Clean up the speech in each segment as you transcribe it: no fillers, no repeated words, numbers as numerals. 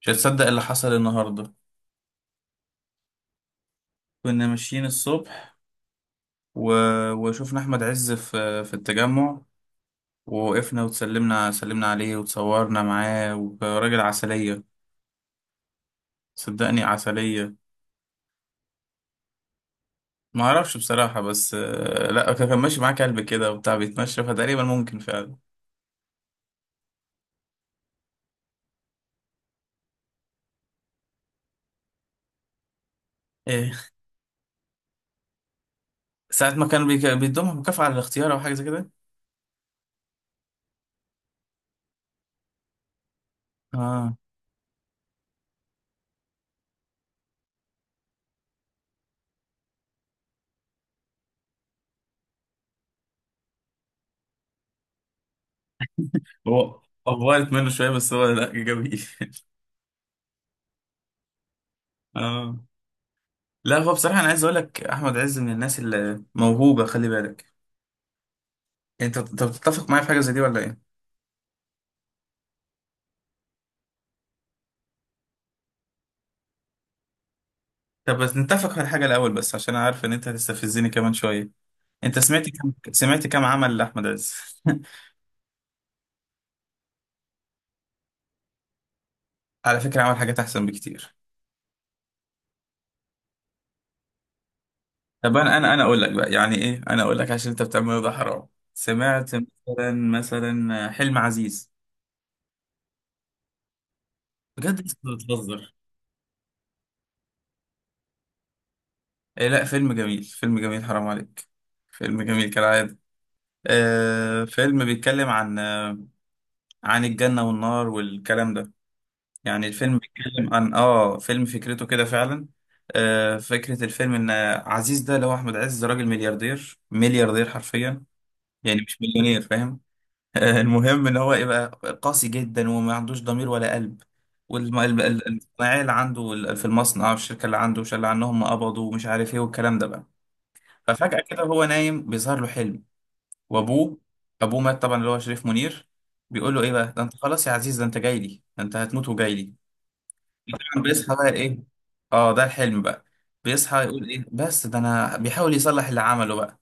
مش هتصدق اللي حصل النهارده. كنا ماشيين الصبح و... وشوفنا احمد عز في التجمع. ووقفنا سلمنا عليه وتصورنا معاه. وراجل عسلية. صدقني عسلية. ما اعرفش بصراحة، بس لا، كان ماشي معاه كلب كده وبتاع بيتمشى، فتقريبا ممكن فعلا. ايه. ساعة ما كان بيدومها مكافأة على الاختيار او حاجة زي كده. اه. هو افضلت منه شوية، بس هو، لا، جميل. اه. لا هو بصراحة أنا عايز أقول لك أحمد عز من الناس اللي موهوبة، خلي بالك. انت بتتفق معايا في حاجه زي دي ولا ايه؟ طب بس نتفق على حاجه الاول، بس عشان انا عارف ان انت هتستفزني كمان شويه. انت سمعت كم عمل لاحمد عز؟ على فكره عمل حاجات احسن بكتير. طب انا اقول لك بقى يعني ايه، انا اقول لك عشان انت بتعمل ده حرام. سمعت مثلا، حلم عزيز. بجد انت بتهزر؟ إيه، لا، فيلم جميل، فيلم جميل، حرام عليك. فيلم جميل كالعاده. فيلم بيتكلم عن عن الجنه والنار والكلام ده. يعني الفيلم بيتكلم عن فيلم فكرته كده فعلا. فكرة الفيلم ان عزيز ده اللي هو احمد عز، ده راجل ملياردير، ملياردير حرفيا. يعني مش مليونير، فاهم. المهم ان هو يبقى قاسي جدا وما عندوش ضمير ولا قلب. والصناعية اللي عنده في المصنع والشركة اللي عنده شال عنهم قبضوا ومش عارف ايه والكلام ده بقى. ففجأة كده هو نايم بيظهر له حلم وابوه. ابوه مات طبعا، اللي هو شريف منير، بيقول له ايه بقى، ده انت خلاص يا عزيز، ده انت جاي لي، ده انت هتموت وجاي لي. كان بيصحى بقى ايه. اه، ده الحلم بقى. بيصحى يقول ايه، بس ده انا بيحاول يصلح اللي عمله بقى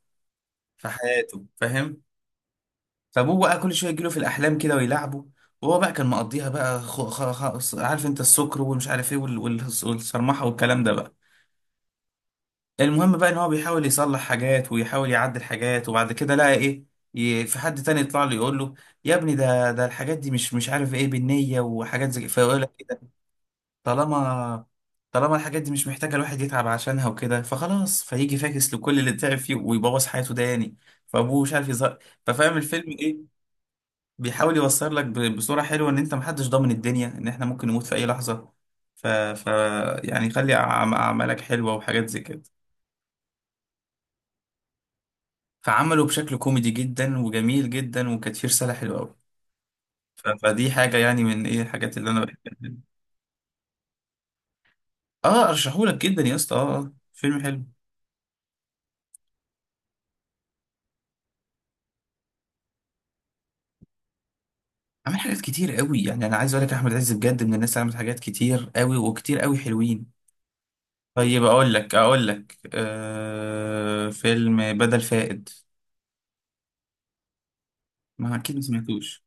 في حياته، فاهم. فابوه بقى كل شويه يجيله في الاحلام كده ويلعبه. وهو بقى كان مقضيها بقى عارف انت السكر ومش عارف ايه والصرمحه والكلام ده بقى. المهم بقى ان هو بيحاول يصلح حاجات ويحاول يعدل حاجات، وبعد كده لقى ايه. في حد تاني يطلع له يقول له يا ابني، ده الحاجات دي مش عارف ايه بالنية وحاجات زي، فيقول لك طالما، الحاجات دي مش محتاجة الواحد يتعب عشانها وكده، فخلاص فيجي فاكس لكل اللي تعب فيه ويبوظ حياته ده يعني. فابوه مش عارف يظهر. ففاهم الفيلم ايه، بيحاول يوصل لك بصورة حلوة ان انت محدش ضامن الدنيا، ان احنا ممكن نموت في اي لحظة. ف... ف... يعني خلي اعمالك حلوة وحاجات زي كده. فعمله بشكل كوميدي جدا وجميل جدا، وكانت فيه رسالة حلوة قوي. فدي حاجة يعني من ايه الحاجات اللي انا بحبها. اه ارشحهولك جدا يا اسطى، اه، فيلم حلو. عمل حاجات كتير قوي يعني، انا عايز اقول لك احمد عز بجد من الناس اللي عملت حاجات كتير قوي، وكتير قوي حلوين. طيب اقول لك فيلم بدل فائد. ما اكيد ما سمعتوش.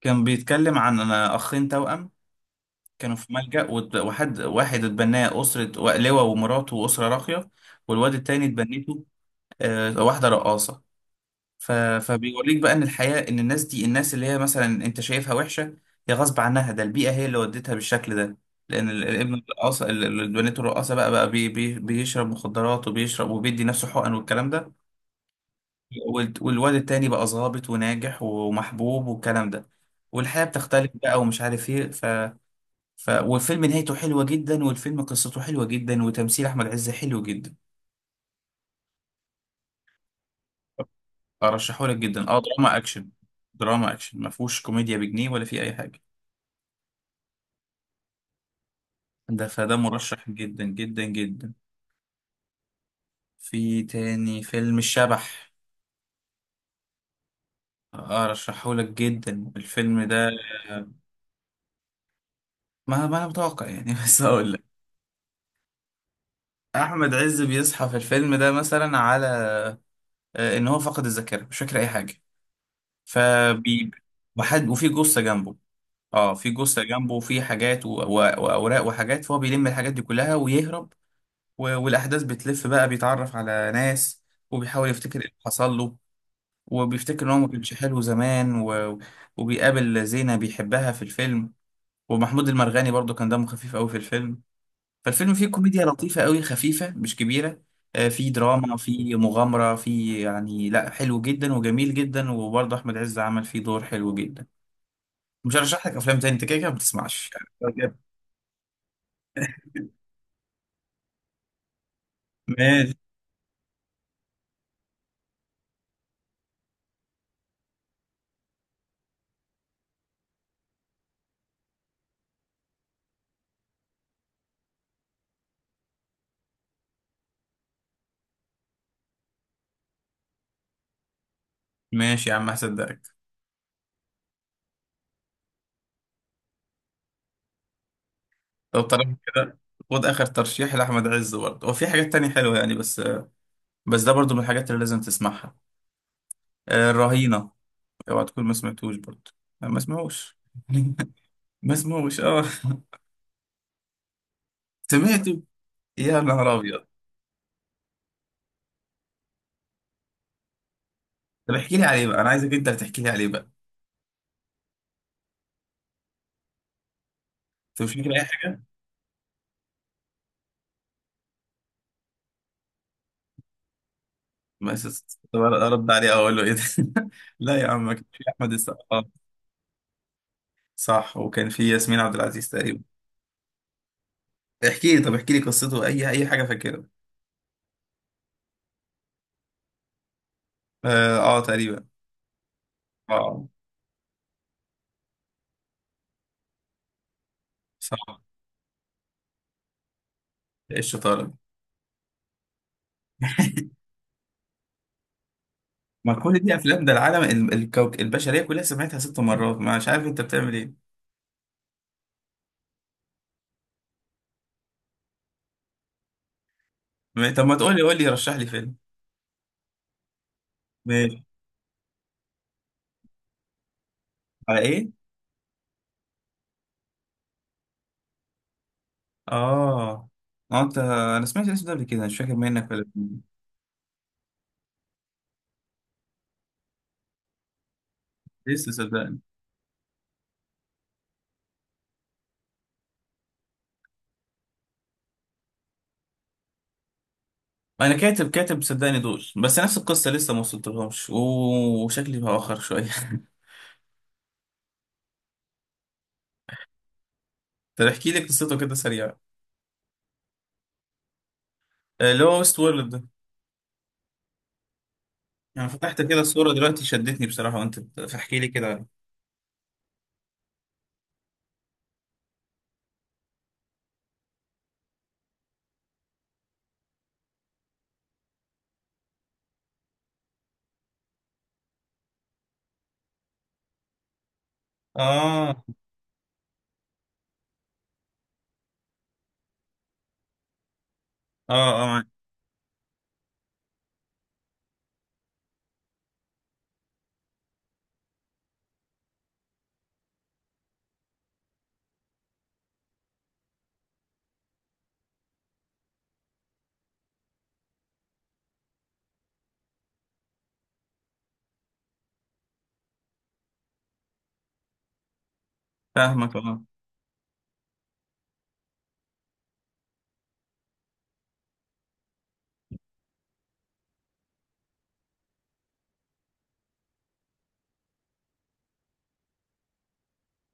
كان بيتكلم عن أنا اخين توأم. كانوا في ملجأ وحد واحد اتبناه أسرة لواء ومراته وأسرة راقية. والواد التاني اتبنته واحدة رقاصة. فبيوريك بقى ان الحياة، ان الناس دي، الناس اللي هي مثلا انت شايفها وحشة، هي غصب عنها، ده البيئة هي اللي ودتها بالشكل ده. لان الابن الرقاصة البنات الرقاصة بقى، بيشرب مخدرات وبيشرب وبيدي نفسه حقن والكلام ده. والواد التاني بقى ظابط وناجح ومحبوب والكلام ده. والحياة بتختلف بقى ومش عارف ايه. والفيلم نهايته حلوة جدا، والفيلم قصته حلوة جدا، وتمثيل احمد عز حلو جدا. ارشحه لك جدا، اه، دراما اكشن. دراما اكشن ما فيهوش كوميديا بجنيه ولا في اي حاجة. فده مرشح جدا جدا جدا. في تاني فيلم الشبح. ارشحه لك جدا الفيلم ده. ما انا متوقع يعني. بس اقول لك. احمد عز بيصحى في الفيلم ده مثلا على ان هو فقد الذاكره، مش فاكر اي حاجه. فبي وحد، وفي جثه جنبه. اه، في جثه جنبه، وفي حاجات واوراق وحاجات، فهو بيلم الحاجات دي كلها ويهرب. والاحداث بتلف بقى، بيتعرف على ناس. وبيحاول يفتكر ايه اللي حصل له. وبيفتكر ان هو ما كانش حلو زمان وبيقابل زينة بيحبها في الفيلم. ومحمود المرغني برضو كان دمه خفيف قوي في الفيلم. فالفيلم فيه كوميديا لطيفة قوي، خفيفة، مش كبيرة. فيه دراما، فيه مغامرة، فيه يعني، لا، حلو جدا وجميل جدا، وبرضه أحمد عز عمل فيه دور حلو جدا. مش هرشح لك أفلام تاني، أنت كده كده ما بتسمعش. يعني. ماشي. ماشي يا عم هصدقك. لو طالما كده خد آخر ترشيح لأحمد عز برضه، وفي حاجات تانية حلوة يعني، بس. ده برضه من الحاجات اللي لازم تسمعها. الرهينة. اوعى تكون ما سمعتوش برضه. أنا ما سمعوش. ما سمعوش اه. سمعته يا نهار ابيض. طب احكي لي عليه بقى، انا عايزك انت اللي تحكي لي عليه بقى. انت مش فاكر اي حاجه؟ بس طب ارد عليه أو اقول له ايه ده. لا يا عم، ما كان في احمد السقا، صح. وكان في ياسمين عبد العزيز تقريبا. احكي لي، طب احكي لي قصته، اي اي حاجه فاكرها. اه، تقريبا. اه، صح. ايه الشطاره. ما كل دي افلام، ده العالم الكوك البشريه كلها سمعتها ست مرات، ما مش عارف انت بتعمل ايه. طب ما تقول لي، قول لي رشح لي فيلم على ايه؟ اه. انت، انا سمعت الاسم ده قبل كده، مش فاكر منك ولا مني. لسه صدقني. انا كاتب، صدقني دول، بس نفس القصه لسه ما وصلتلهمش، وشكلي بأخر شويه. طب احكي لي قصته كده سريعه. اللي هو ويست وورلد ده. انا فتحت كده الصوره دلوقتي، شدتني بصراحه وانت فاحكي لي كده. اه، اه. اه معاك. فاهمك اه.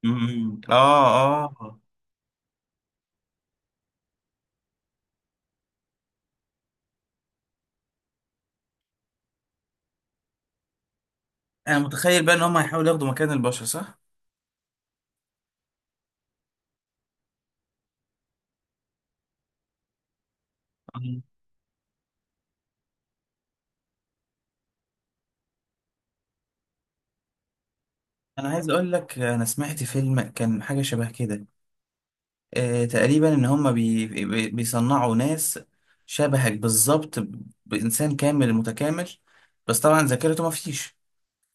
أمم، اه، اه. انا متخيل بقى ان هم هيحاولوا ياخدوا مكان البشر صح؟ أمم. انا عايز اقول لك انا سمعت فيلم كان حاجه شبه كده. تقريبا ان هم بيصنعوا ناس شبهك بالظبط، بانسان كامل متكامل. بس طبعا ذاكرته ما فيش.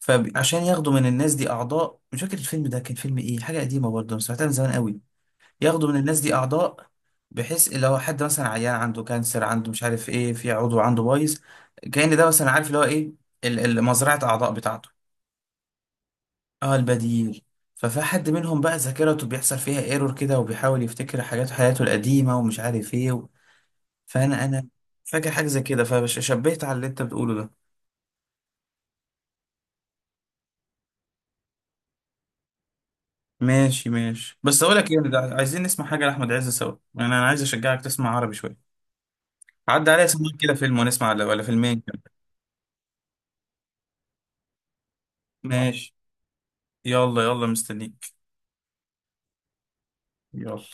فعشان ياخدوا من الناس دي اعضاء، مش فاكر الفيلم ده كان فيلم ايه، حاجه قديمه برضه أنا سمعتها من زمان قوي. ياخدوا من الناس دي اعضاء، بحيث لو حد مثلا عيان عنده كانسر، عنده مش عارف ايه، في عضو عنده بايظ، كأن ده مثلا، عارف اللي هو ايه، مزرعه اعضاء بتاعته. اه، البديل. ففي حد منهم بقى ذاكرته بيحصل فيها ايرور كده، وبيحاول يفتكر حاجات حياته القديمة، ومش عارف ايه فانا فاكر حاجة زي كده، فشبهت على اللي انت بتقوله ده. ماشي ماشي، بس اقول لك ايه ده، عايزين نسمع حاجة لأحمد عز سوا يعني، انا عايز اشجعك تسمع عربي شوية. عدى عليا، سمع كده فيلم، ونسمع ولا فيلمين كده. ماشي. يلا يلا مستنيك. يلا.